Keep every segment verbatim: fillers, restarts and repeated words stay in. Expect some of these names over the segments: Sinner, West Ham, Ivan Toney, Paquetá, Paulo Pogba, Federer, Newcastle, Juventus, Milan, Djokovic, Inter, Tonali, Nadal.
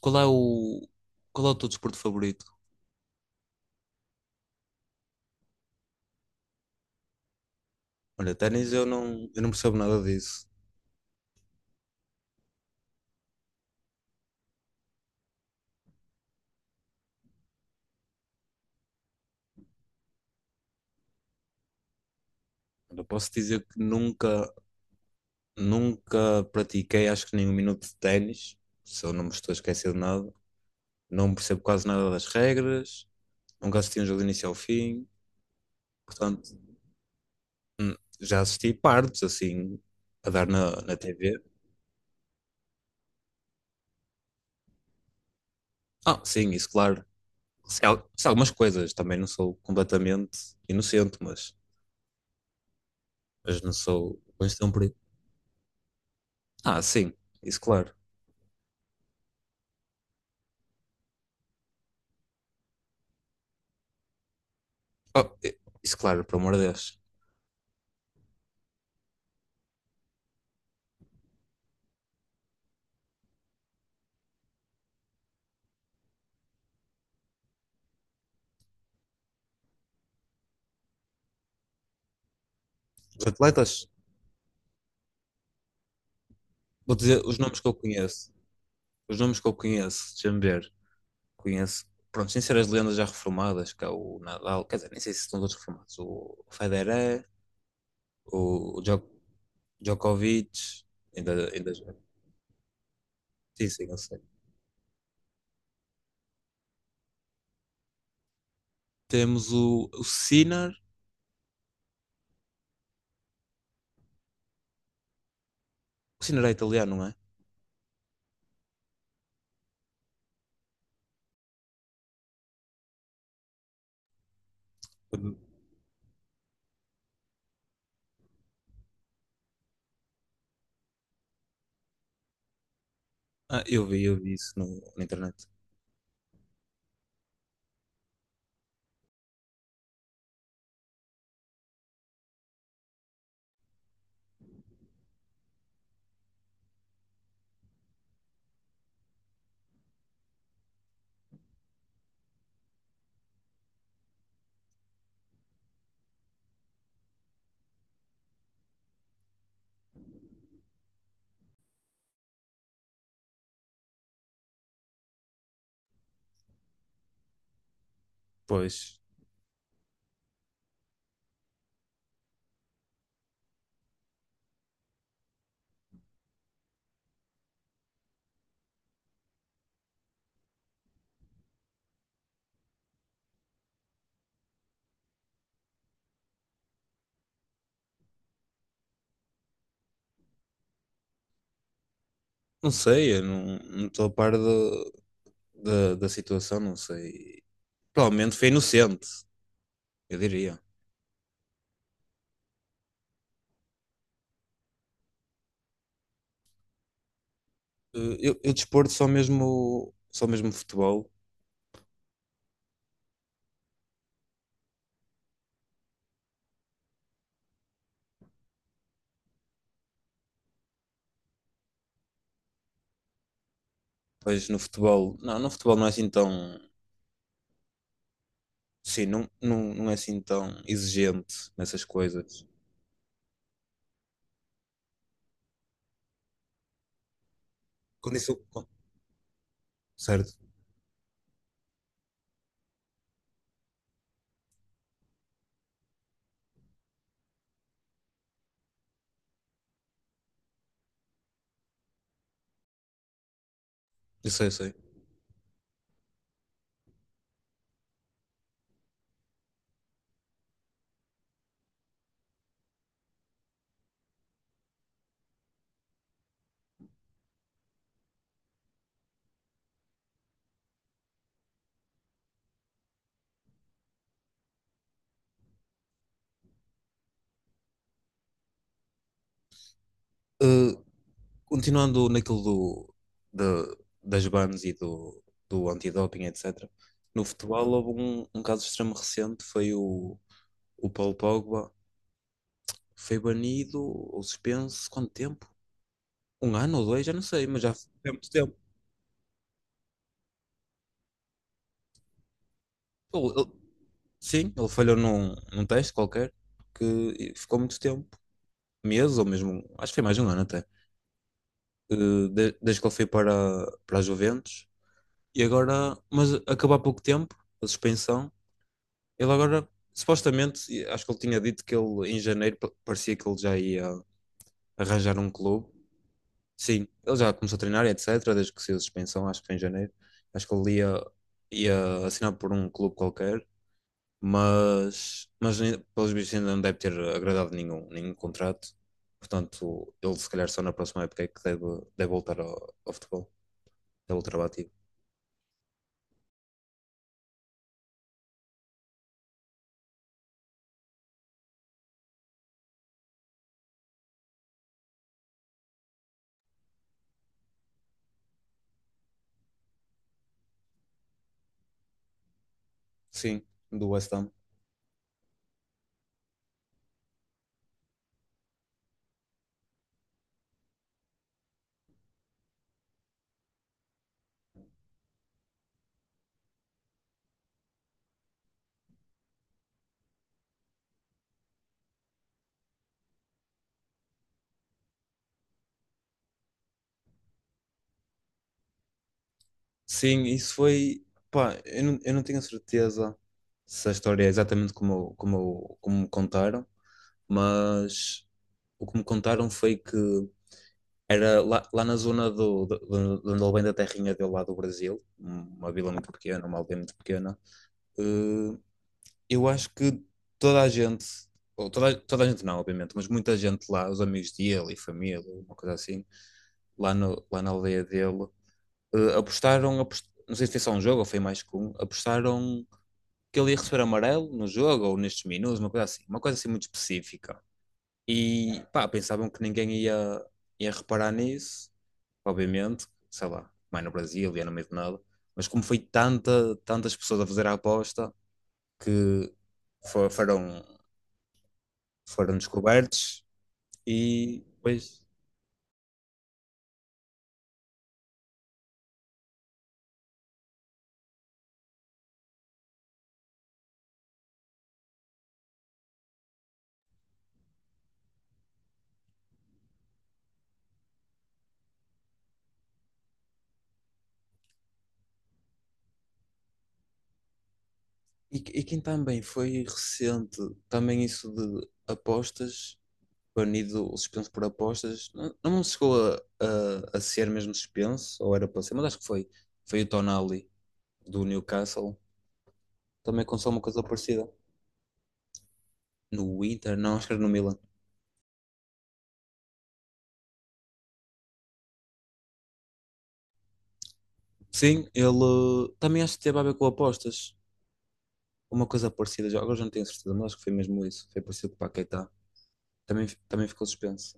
Qual é o, qual é o teu desporto favorito? Olha, ténis eu não, eu não percebo nada disso. Eu posso dizer que nunca, nunca pratiquei, acho que nem um minuto de ténis, se eu não me estou a esquecer de nada. Não percebo quase nada das regras, nunca assisti um jogo de início ao fim, portanto, hum, já assisti partes, assim, a dar na, na T V. Ah, sim, isso, claro. Sei, al- sei algumas coisas, também não sou completamente inocente, mas, mas não sou. Mas tão perigo. Ah, sim, isso, claro. Oh, eh, isso, claro, pelo amor de Deus. Os atletas, vou dizer os nomes que eu conheço. Os nomes que eu conheço, deixa-me ver. Conheço, pronto, sem ser as lendas já reformadas, que é o Nadal, quer dizer, nem sei se estão todos reformados. O Federer, o Djo- Djokovic, ainda, ainda, sim, sim, eu sei. Temos o, o Sinner. O Sinner é italiano, não é? Uhum. Ah, eu vi, eu vi isso no- na internet. Pois, não sei, eu não não estou a par do- da, da situação, não sei. Provavelmente foi inocente, eu diria. Eh, Eu, eu desporto só mesmo, só mesmo futebol. Pois no futebol, não, no futebol não é assim tão, sim, não, não, não é assim tão exigente nessas coisas. Condição certo, eu sei, eu sei. Eh, continuando naquilo do, da- das bans e do, do antidoping, etecetera. No futebol houve um, um caso extremo recente, foi o, o Paulo Pogba, foi banido ou suspenso, quanto tempo? Um ano ou dois, já não sei, mas já foi muito tempo. Ele- ele- sim, ele falhou num, num teste qualquer, que ficou muito tempo, meses ou mesmo, acho que foi mais de um ano até, eh, de- desde que ele foi para, para a Juventus. E agora, mas acabou há pouco tempo, a suspensão. Ele agora, supostamente, acho que ele tinha dito que ele em janeiro pa- parecia que ele já ia arranjar um clube. Sim, ele já começou a treinar, e etecetera. Desde que saiu a suspensão, acho que foi em janeiro. Acho que ele ia, ia assinar por um clube qualquer, mas, mas ainda- pelos bichos ainda não deve ter agradado nenhum, nenhum contrato. Portanto, ele se calhar só na próxima época é que deve, deve voltar ao, ao futebol, deve voltar ao ativo. Sim, do West Ham. Sim, isso foi. Pá, eu não, eu não tenho certeza se a história é exatamente como, como, como me contaram, mas o que me contaram foi que era lá, lá na zona do, do, do, de onde ele vem da terrinha dele lá do Brasil, uma vila muito pequena, uma aldeia muito pequena. eh, eu acho que toda a gente, ou toda, a- toda a gente não, obviamente, mas muita gente lá, os amigos dele e família, uma coisa assim, lá, no, lá na aldeia dele. eh, apostaram, apos- não sei se foi só um jogo ou foi mais que um, apostaram que ele ia receber amarelo no jogo ou nestes minutos, uma coisa assim, uma coisa assim muito específica. E pá, pensavam que ninguém ia, ia reparar nisso, obviamente, sei lá, mais no Brasil, ia no meio de nada, mas como foi tanta, tantas pessoas a fazer a aposta que fo- foram, foram descobertos e depois. E, e quem também foi recente, também isso de apostas banido, suspenso por apostas. Não, não chegou a, a, a ser mesmo suspenso, ou era para ser, mas acho que foi. Foi o Tonali do Newcastle. Também aconteceu uma coisa parecida. No Inter, não, acho que era no Milan. Sim, ele eh, também acho que teve a ver com apostas. Uma coisa parecida, já- agora já não tenho certeza, mas acho que foi mesmo isso. Foi parecido com o Paquetá. Também, também ficou suspenso.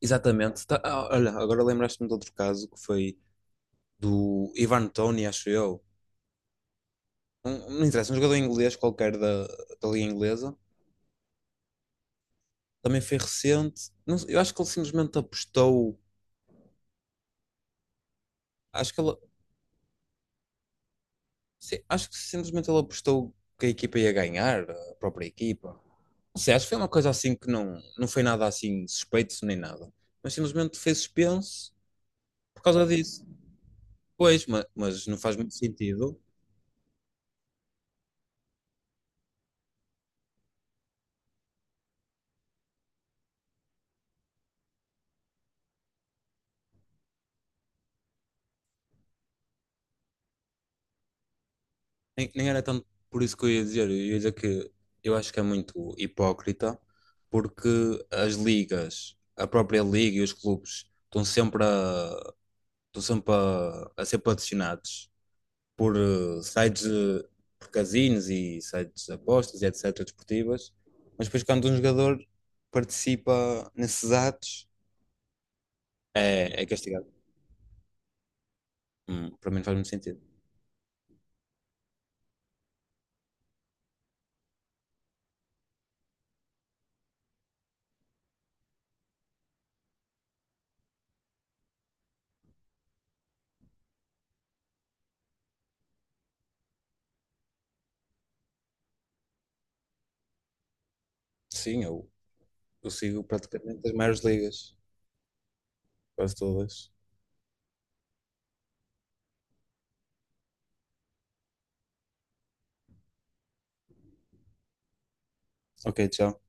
Exatamente. Tá- ah, olha, agora lembraste-me de outro caso que foi do Ivan Toney, acho eu. Um- não interessa, um jogador inglês qualquer da, da Liga Inglesa também foi recente. Não sei, eu acho que ele simplesmente apostou. Acho que, ele, sim, acho que simplesmente ele apostou que a equipa ia ganhar, a própria equipa. Não sei, acho que foi uma coisa assim que não, não foi nada assim suspeito nem nada. Mas simplesmente fez suspense por causa disso. Pois, mas, mas não faz muito sentido. Nem, nem era tanto por isso que eu ia dizer. Eu ia dizer que eu acho que é muito hipócrita, porque as ligas, a própria liga e os clubes estão sempre a, estão sempre a, a ser patrocinados por eh, sites de por casinos e sites de apostas e etecetera desportivas. Mas depois, quando um jogador participa nesses atos, é, é castigado. Hum, para mim não faz muito sentido. Sim, eu, eu sigo praticamente as maiores ligas, quase todas. Ok, tchau.